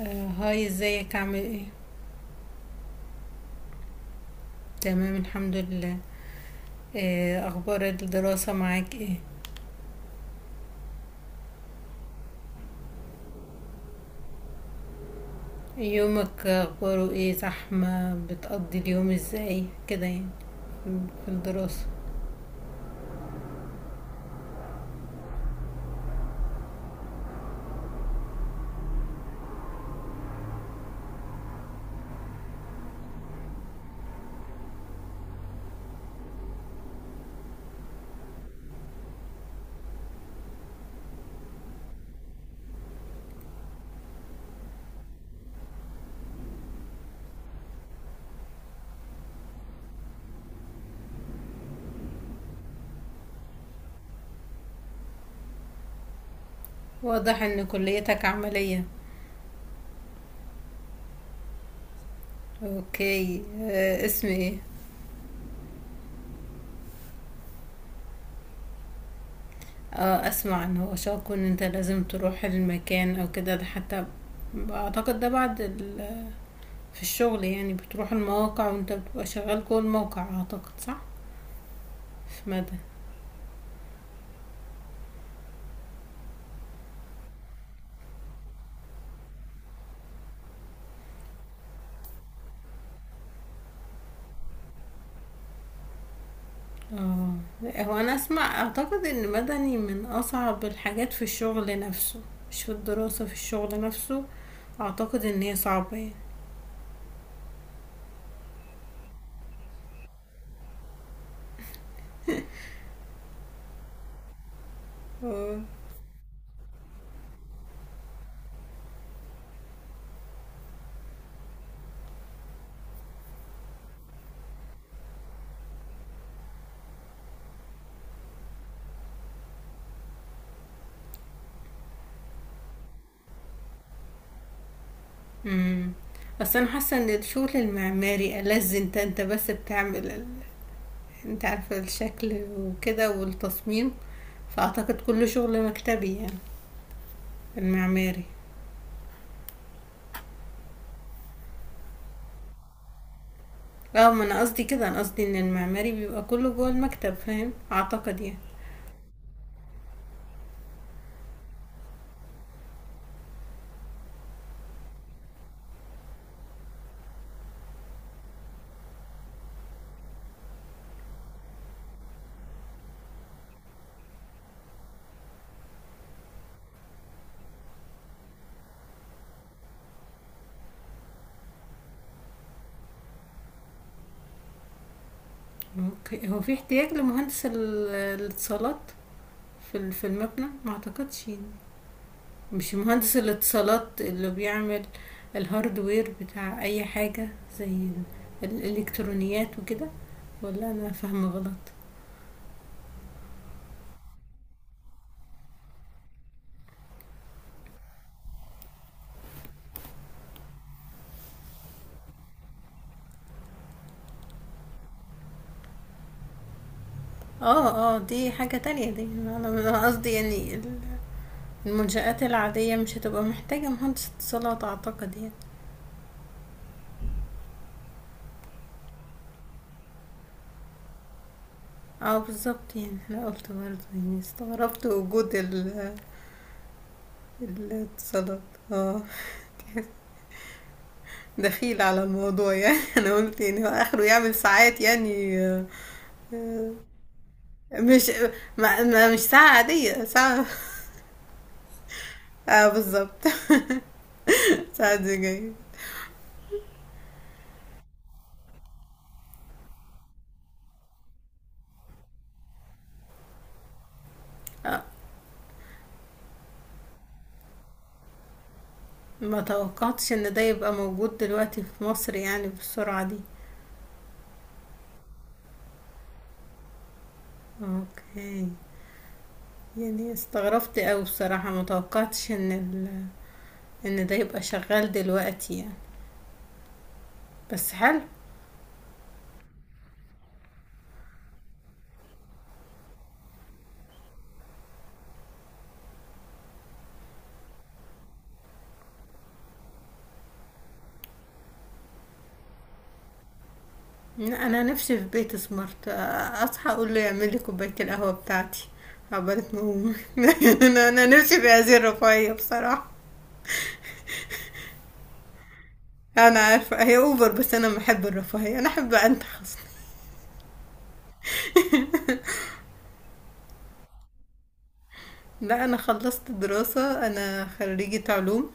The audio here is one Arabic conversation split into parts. آه، هاي ازيك عامل ايه؟ تمام، الحمد لله. آه، اخبار الدراسة معاك ايه؟ يومك اخباره ايه؟ زحمة؟ بتقضي اليوم ازاي كده يعني في الدراسة؟ واضح ان كليتك عملية. اوكي، اسم ايه؟ اه اسمع ان هو شاكو ان انت لازم تروح المكان او كده ده. حتى اعتقد ده بعد ال في الشغل، يعني بتروح المواقع وانت بتبقى شغال جوه الموقع، اعتقد صح؟ في مدى. اه. هو انا اسمع اعتقد ان مدني من اصعب الحاجات في الشغل نفسه، مش في الدراسة، في الشغل نفسه. اعتقد ان هي صعبة يعني. اه. امم. بس انا حاسة ان الشغل المعماري ألذ. انت بس بتعمل ال، انت عارفة الشكل وكده والتصميم، فاعتقد كله شغل مكتبي يعني المعماري. اه ما انا قصدي كده، انا قصدي ان المعماري بيبقى كله جوه المكتب، فاهم اعتقد يعني. اوكي، هو في احتياج لمهندس الاتصالات في في المبنى؟ ما اعتقدش يعني. مش مهندس الاتصالات اللي بيعمل الهاردوير بتاع اي حاجة، زي الالكترونيات وكده؟ ولا انا فاهمة غلط؟ اه دي حاجة تانية، دي انا قصدي يعني المنشآت العادية مش هتبقى محتاجة مهندس اتصالات اعتقد يعني. اه بالظبط، يعني انا قلت برضه يعني استغربت وجود الاتصالات. اه، دخيل على الموضوع يعني انا قلت يعني هو اخره يعمل ساعات يعني. آه، آه، مش. ما مش ساعة عادية، ساعة. اه بالظبط ساعة دي جاية. آه، ما توقعتش ان ده يبقى موجود دلوقتي في مصر يعني بالسرعة دي. اوكي، يعني استغربت اوي بصراحة، ما توقعتش ان ال، ان ده يبقى شغال دلوقتي يعني. بس حلو. انا نفسي في بيت سمارت، اصحى اقول له يعمل لي كوبايه القهوه بتاعتي عقبال ما اقوم انا نفسي في هذه الرفاهيه بصراحه. انا عارفه هي اوفر، بس انا بحب الرفاهيه، انا احب انتخص. لا، انا خلصت دراسه، انا خريجه علوم.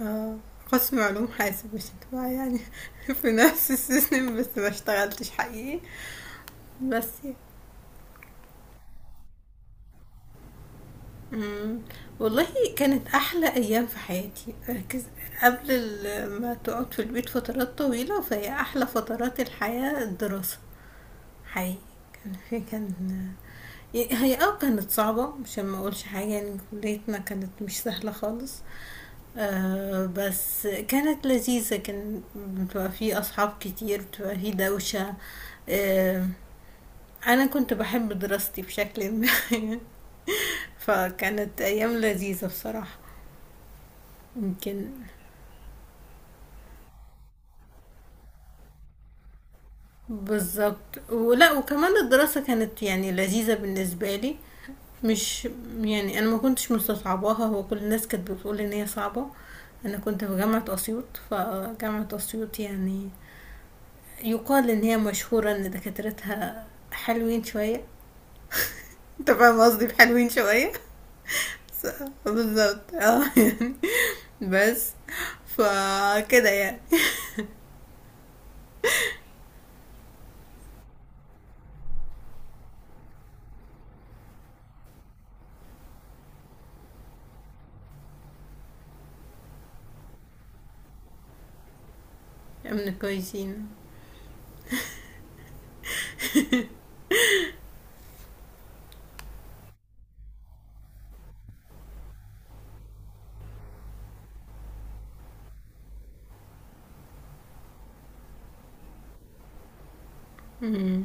آه، قسم علوم حاسب، مش انتباه يعني في نفس السيستم، بس ما اشتغلتش حقيقي، بس يعني. إمم. والله، كانت أحلى أيام في حياتي، ركز. قبل ال ما تقعد في البيت فترات طويلة، فهي أحلى فترات الحياة الدراسة حقيقي. كان في كان ي هي آه كانت صعبة، عشان ما أقولش حاجة يعني كليتنا كانت مش سهلة خالص. بس كانت لذيذة، كان بتبقى في أصحاب كتير، بتبقى في دوشة. آآ أنا كنت باحب دراستي بشكل ما فكانت أيام لذيذة بصراحة. يمكن. بالظبط، ولا وكمان الدراسة كانت يعني لذيذة بالنسبة لي. مش. يعني انا ما كنتش مستصعباها، هو كل الناس كانت بتقول ان هي صعبة. انا كنت في جامعة اسيوط، فجامعة اسيوط يعني يقال ان هي مشهورة ان دكاترتها حلوين شوية. انت فاهم قصدي بحلوين شوية بالظبط اه يعني. بس، فكده يعني. من الكويسين. امم.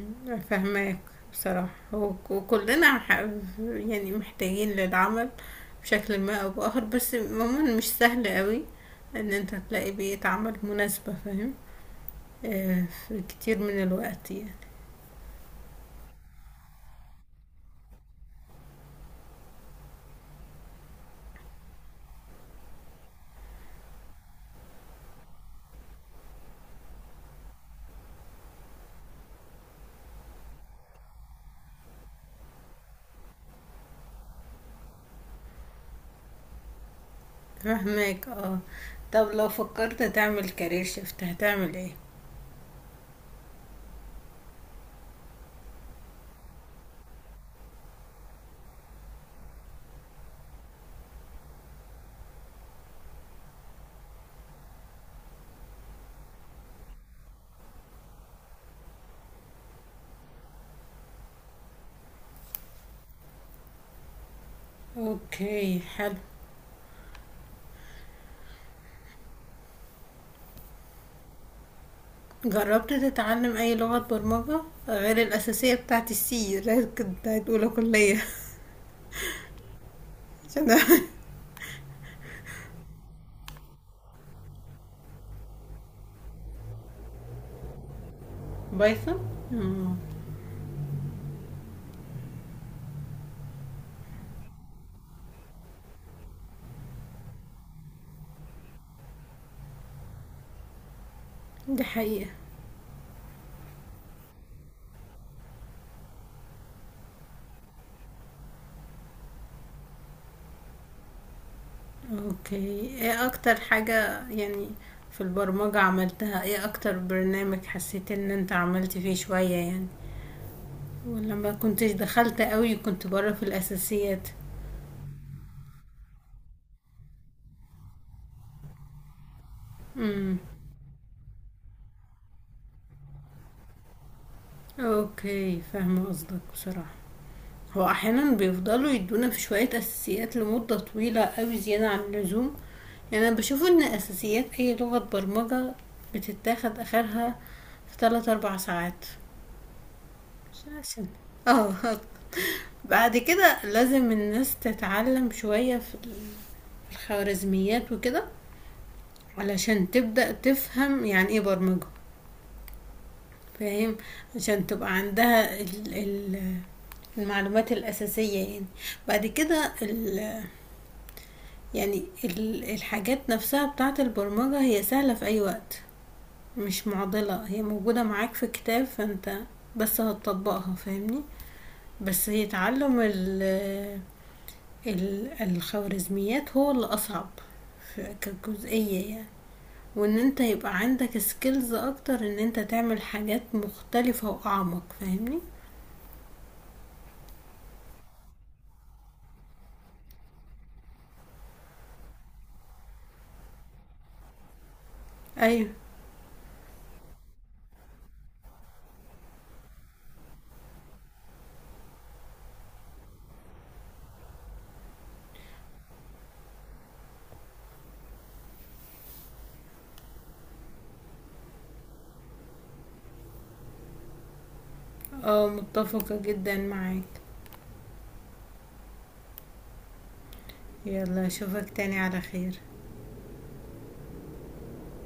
فاهماك. بصراحة هو وكلنا يعني محتاجين للعمل بشكل ما أو بآخر. بس عموما مش سهل قوي إن أنت تلاقي بيئة عمل مناسبة، فاهم؟ آه، في كتير من الوقت يعني. فاهماك، اه. طب لو فكرت تعمل كارير شيفت هتعمل ايه؟ اوكي حلو. جربت تتعلم أي لغة برمجة غير الأساسية بتاعت السي اللي كنت هتقولها كلية عشان، بايثون؟ مم. دي حقيقة. اوكي، ايه اكتر حاجة يعني في البرمجة عملتها؟ ايه اكتر برنامج حسيت ان انت عملت فيه شوية يعني، ولما كنتش دخلت قوي كنت بره في الاساسيات؟ امم. اوكي فاهمة قصدك بصراحة. هو احيانا بيفضلوا يدونا في شوية اساسيات لمدة طويلة قوي، زيادة عن اللزوم. يعني انا بشوف ان اساسيات اي لغة برمجة بتتاخد اخرها في 3 4 ساعات. مش عشان، اه بعد كده لازم الناس تتعلم شوية في الخوارزميات وكده علشان تبدأ تفهم يعني ايه برمجة، فاهم؟ عشان تبقى عندها ال المعلومات الأساسية يعني. بعد كده ال، يعني الحاجات نفسها بتاعة البرمجة هي سهلة في أي وقت، مش معضلة، هي موجودة معاك في كتاب، فانت بس هتطبقها فاهمني. بس هي تعلم الخوارزميات هو اللي اصعب في، كجزئية يعني. وان انت يبقى عندك سكيلز اكتر ان انت تعمل حاجات مختلفة واعمق فاهمني. ايوه اه، متفقة جدا معاك. يلا اشوفك تاني على خير.